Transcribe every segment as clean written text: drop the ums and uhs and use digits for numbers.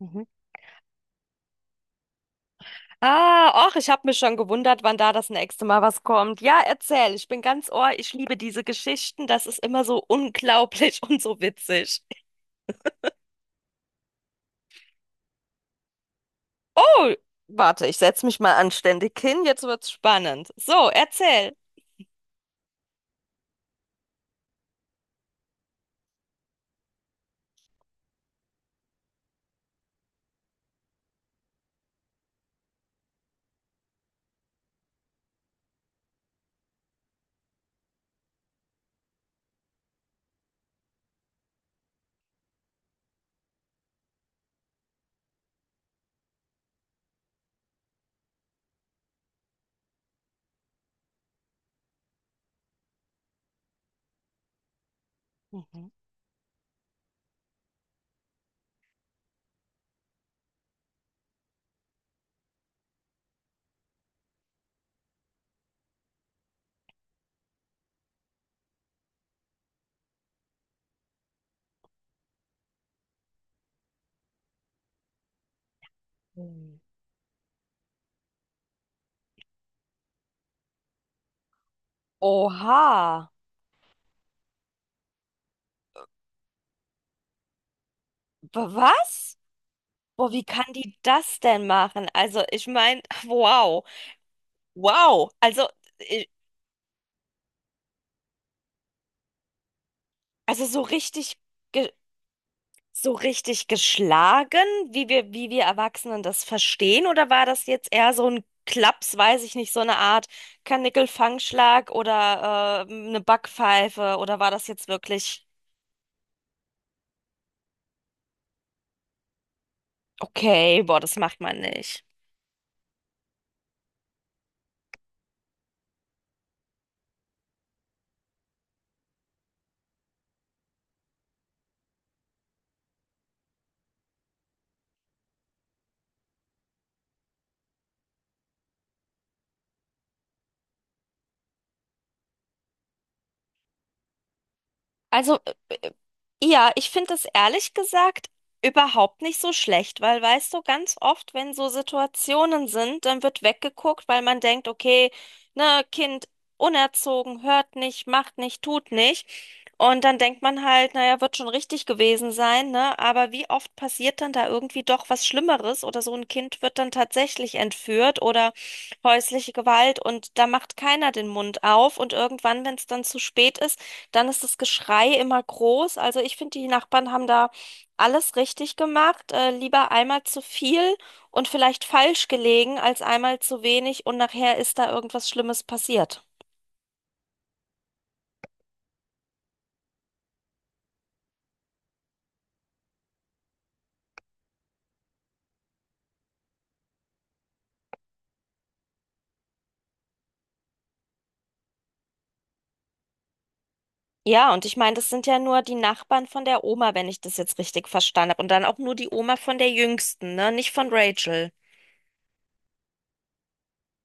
Mhm. Ah, och, ich habe mich schon gewundert, wann da das nächste Mal was kommt. Ja, erzähl, ich bin ganz Ohr, ich liebe diese Geschichten, das ist immer so unglaublich und so witzig. Oh, warte, ich setze mich mal anständig hin, jetzt wird's spannend. So, erzähl. Mhm. Mhm. Oha, B- was? Boah, wie kann die das denn machen? Also, ich meine, wow, wow. Äh, also so richtig, ge- so richtig geschlagen, wie wir Erwachsenen das verstehen? Oder war das jetzt eher so ein Klaps, weiß ich nicht, so eine Art Karnickelfangschlag oder eine Backpfeife? Oder war das jetzt wirklich, okay, boah, das macht man nicht? Also, äh, ja, ich finde es ehrlich gesagt überhaupt nicht so schlecht, weil weißt du, ganz oft, wenn so Situationen sind, dann wird weggeguckt, weil man denkt, okay, ne, Kind unerzogen, hört nicht, macht nicht, tut nicht. Und dann denkt man halt, naja, wird schon richtig gewesen sein, ne? Aber wie oft passiert dann da irgendwie doch was Schlimmeres oder so ein Kind wird dann tatsächlich entführt oder häusliche Gewalt und da macht keiner den Mund auf und irgendwann, wenn es dann zu spät ist, dann ist das Geschrei immer groß. Also ich finde, die Nachbarn haben da alles richtig gemacht. Lieber einmal zu viel und vielleicht falsch gelegen, als einmal zu wenig und nachher ist da irgendwas Schlimmes passiert. Ja, und ich meine, das sind ja nur die Nachbarn von der Oma, wenn ich das jetzt richtig verstanden habe. Und dann auch nur die Oma von der Jüngsten, ne? Nicht von Rachel.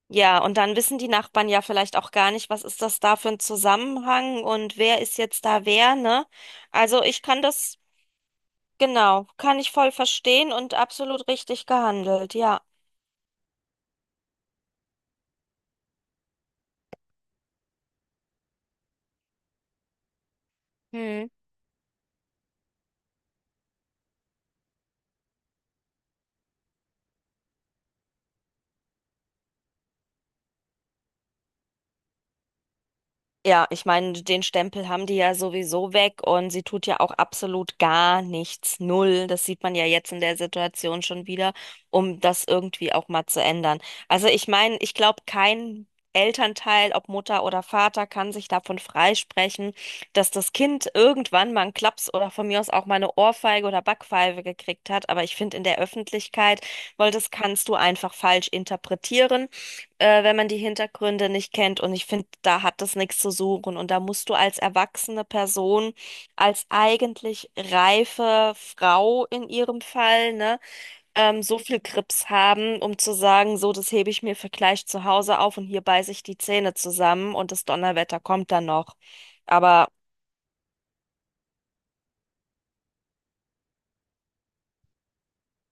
Ja, und dann wissen die Nachbarn ja vielleicht auch gar nicht, was ist das da für ein Zusammenhang und wer ist jetzt da wer, ne? Also ich kann das Genau, kann ich voll verstehen und absolut richtig gehandelt, ja. Hm. Ja, ich meine, den Stempel haben die ja sowieso weg und sie tut ja auch absolut gar nichts, null. Das sieht man ja jetzt in der Situation schon wieder, um das irgendwie auch mal zu ändern. Also ich meine, ich glaube, kein Elternteil, ob Mutter oder Vater, kann sich davon freisprechen, dass das Kind irgendwann mal einen Klaps oder von mir aus auch mal eine Ohrfeige oder Backpfeife gekriegt hat. Aber ich finde in der Öffentlichkeit, weil das kannst du einfach falsch interpretieren wenn man die Hintergründe nicht kennt. Und ich finde, da hat das nichts zu suchen. Und da musst du als erwachsene Person, als eigentlich reife Frau in ihrem Fall, ne, so viel Grips haben, um zu sagen, so, das hebe ich mir für gleich zu Hause auf und hier beiße ich die Zähne zusammen und das Donnerwetter kommt dann noch. Aber,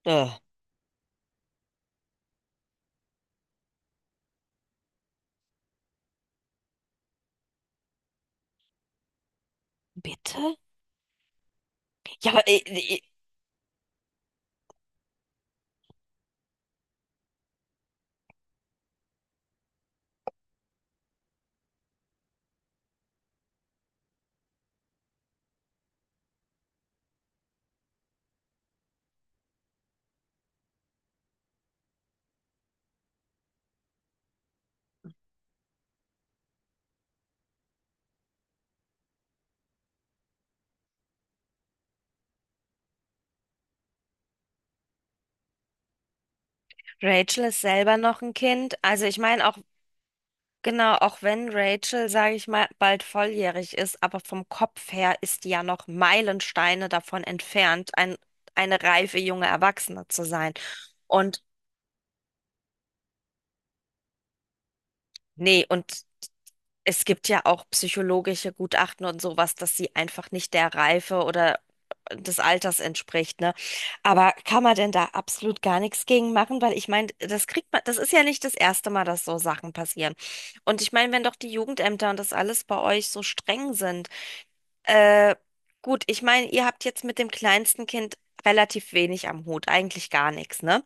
äh, bitte? Ja, aber äh, äh, äh, Rachel ist selber noch ein Kind. Also ich meine, auch Genau, auch wenn Rachel, sage ich mal, bald volljährig ist, aber vom Kopf her ist die ja noch Meilensteine davon entfernt, eine reife junge Erwachsene zu sein. Und nee, und es gibt ja auch psychologische Gutachten und sowas, dass sie einfach nicht der Reife oder des Alters entspricht, ne? Aber kann man denn da absolut gar nichts gegen machen? Weil ich meine, das kriegt man, das ist ja nicht das erste Mal, dass so Sachen passieren. Und ich meine, wenn doch die Jugendämter und das alles bei euch so streng sind, Äh, gut, ich meine, ihr habt jetzt mit dem kleinsten Kind relativ wenig am Hut, eigentlich gar nichts, ne?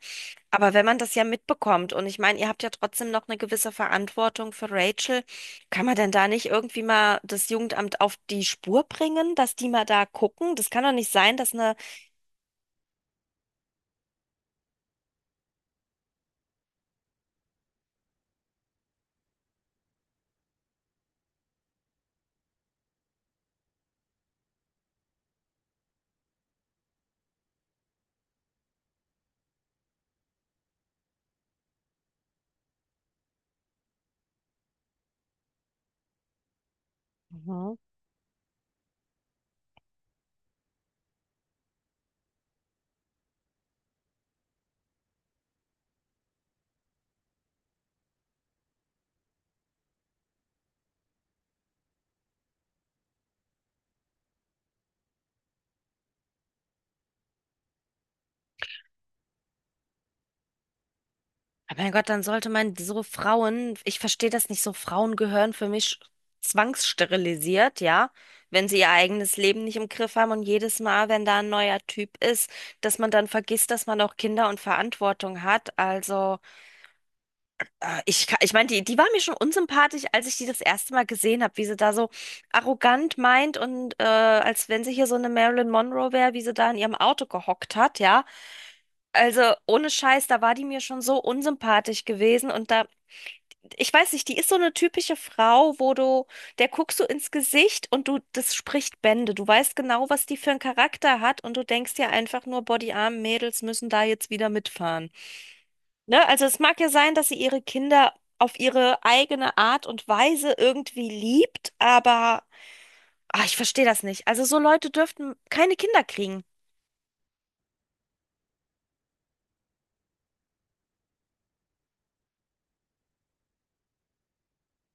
Aber wenn man das ja mitbekommt und ich meine, ihr habt ja trotzdem noch eine gewisse Verantwortung für Rachel, kann man denn da nicht irgendwie mal das Jugendamt auf die Spur bringen, dass die mal da gucken? Das kann doch nicht sein, dass eine Mhm. Aber mein Gott, dann sollte man so Frauen, ich verstehe das nicht so, Frauen gehören für mich zwangssterilisiert, ja, wenn sie ihr eigenes Leben nicht im Griff haben und jedes Mal, wenn da ein neuer Typ ist, dass man dann vergisst, dass man auch Kinder und Verantwortung hat. Also, ich meine, die war mir schon unsympathisch, als ich die das erste Mal gesehen habe, wie sie da so arrogant meint und als wenn sie hier so eine Marilyn Monroe wäre, wie sie da in ihrem Auto gehockt hat, ja. Also ohne Scheiß, da war die mir schon so unsympathisch gewesen und da ich weiß nicht, die ist so eine typische Frau, wo du, der guckst du ins Gesicht und du, das spricht Bände. Du weißt genau, was die für einen Charakter hat und du denkst ja einfach nur, boah, die armen Mädels müssen da jetzt wieder mitfahren. Ne? Also es mag ja sein, dass sie ihre Kinder auf ihre eigene Art und Weise irgendwie liebt, aber ah, ich verstehe das nicht. Also so Leute dürften keine Kinder kriegen.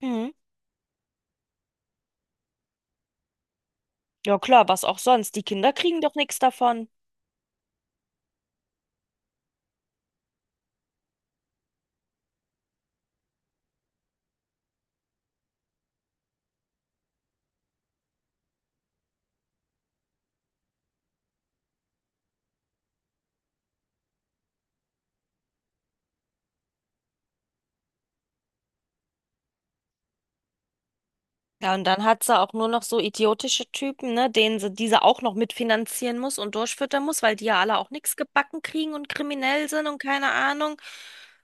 Hm. Ja klar, was auch sonst. Die Kinder kriegen doch nichts davon. Ja, und dann hat sie auch nur noch so idiotische Typen, ne, denen sie diese auch noch mitfinanzieren muss und durchfüttern muss, weil die ja alle auch nichts gebacken kriegen und kriminell sind und keine Ahnung.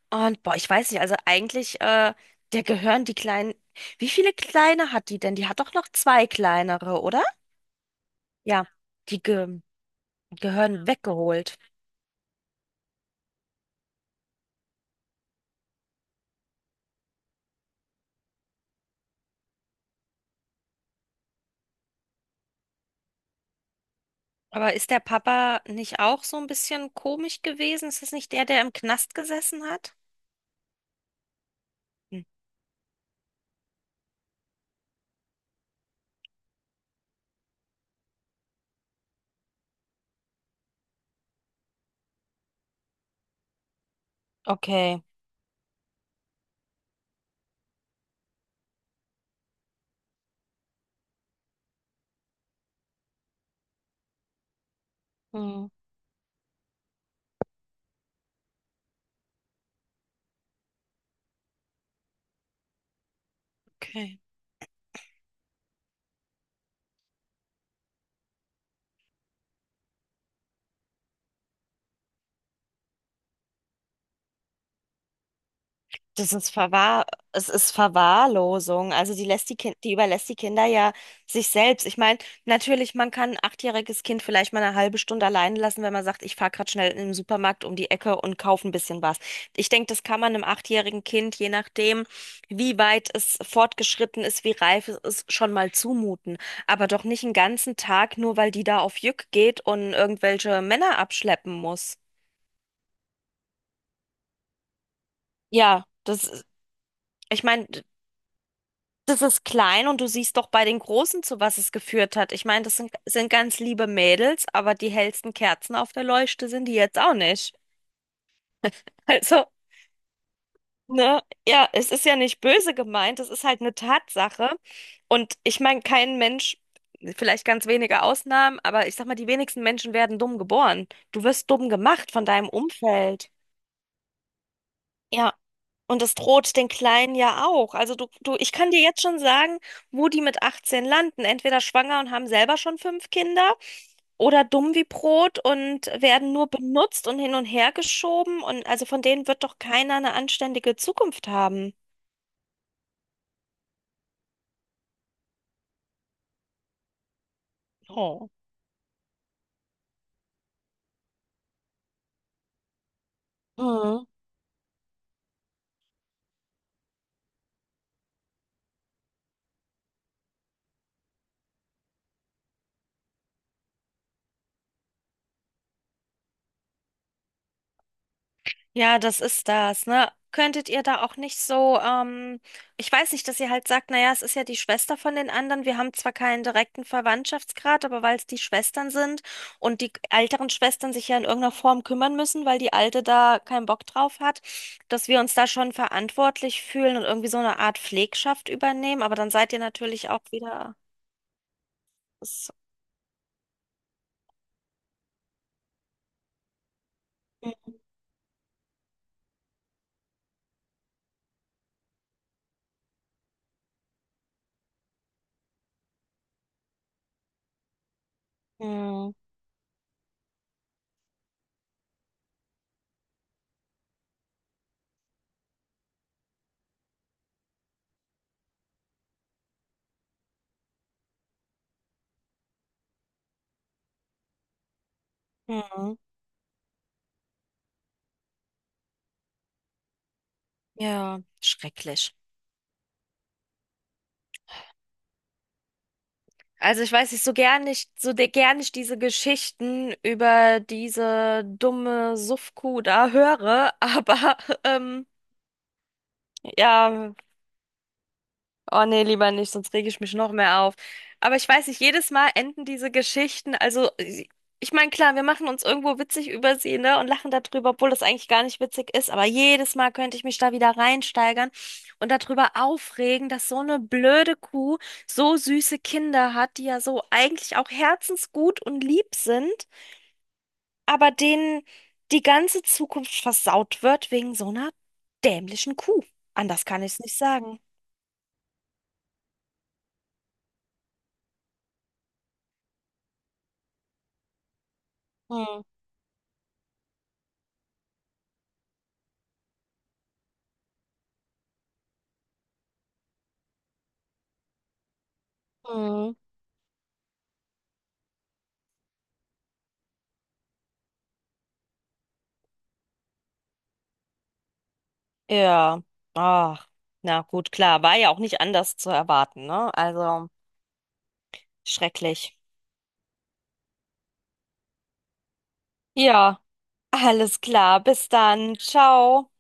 Und boah, ich weiß nicht, also eigentlich, der gehören die kleinen. Wie viele kleine hat die denn? Die hat doch noch zwei kleinere, oder? Ja, die ge gehören weggeholt. Aber ist der Papa nicht auch so ein bisschen komisch gewesen? Ist das nicht der, der im Knast gesessen hat? Hm. Okay. Hm. Okay. Das ist Verwahr, es ist Verwahrlosung. Die überlässt die Kinder ja sich selbst. Ich meine, natürlich, man kann ein achtjähriges Kind vielleicht mal eine halbe Stunde allein lassen, wenn man sagt, ich fahre gerade schnell in den Supermarkt um die Ecke und kaufe ein bisschen was. Ich denke, das kann man einem achtjährigen Kind, je nachdem, wie weit es fortgeschritten ist, wie reif es ist, schon mal zumuten. Aber doch nicht einen ganzen Tag, nur weil die da auf Jück geht und irgendwelche Männer abschleppen muss. Ja, das, ich meine. Das ist klein und du siehst doch bei den Großen, zu was es geführt hat. Ich meine, sind ganz liebe Mädels, aber die hellsten Kerzen auf der Leuchte sind die jetzt auch nicht. Also, ne, ja, es ist ja nicht böse gemeint, es ist halt eine Tatsache. Und ich meine, kein Mensch, vielleicht ganz wenige Ausnahmen, aber ich sag mal, die wenigsten Menschen werden dumm geboren. Du wirst dumm gemacht von deinem Umfeld. Ja. Und es droht den Kleinen ja auch. Also du, ich kann dir jetzt schon sagen, wo die mit 18 landen. Entweder schwanger und haben selber schon fünf Kinder oder dumm wie Brot und werden nur benutzt und hin und her geschoben. Und also von denen wird doch keiner eine anständige Zukunft haben. Oh. Mhm. Ja, das ist das, ne? Könntet ihr da auch nicht so, ich weiß nicht, dass ihr halt sagt, naja, es ist ja die Schwester von den anderen. Wir haben zwar keinen direkten Verwandtschaftsgrad, aber weil es die Schwestern sind und die älteren Schwestern sich ja in irgendeiner Form kümmern müssen, weil die Alte da keinen Bock drauf hat, dass wir uns da schon verantwortlich fühlen und irgendwie so eine Art Pflegschaft übernehmen. Aber dann seid ihr natürlich auch wieder. Das, Mhm. Mhm. Ja, schrecklich. Also ich weiß nicht, so gern nicht, so de- gern ich diese Geschichten über diese dumme Suffkuh da höre, aber ähm, ja, Oh nee, lieber nicht, sonst reg ich mich noch mehr auf. Aber ich weiß nicht, jedes Mal enden diese Geschichten, also ich meine, klar, wir machen uns irgendwo witzig über sie, ne, und lachen darüber, obwohl das eigentlich gar nicht witzig ist, aber jedes Mal könnte ich mich da wieder reinsteigern und darüber aufregen, dass so eine blöde Kuh so süße Kinder hat, die ja so eigentlich auch herzensgut und lieb sind, aber denen die ganze Zukunft versaut wird wegen so einer dämlichen Kuh. Anders kann ich es nicht sagen. Hm. Hm. Ja, ach, na gut, klar, war ja auch nicht anders zu erwarten, ne? Also schrecklich. Ja, alles klar, bis dann, ciao.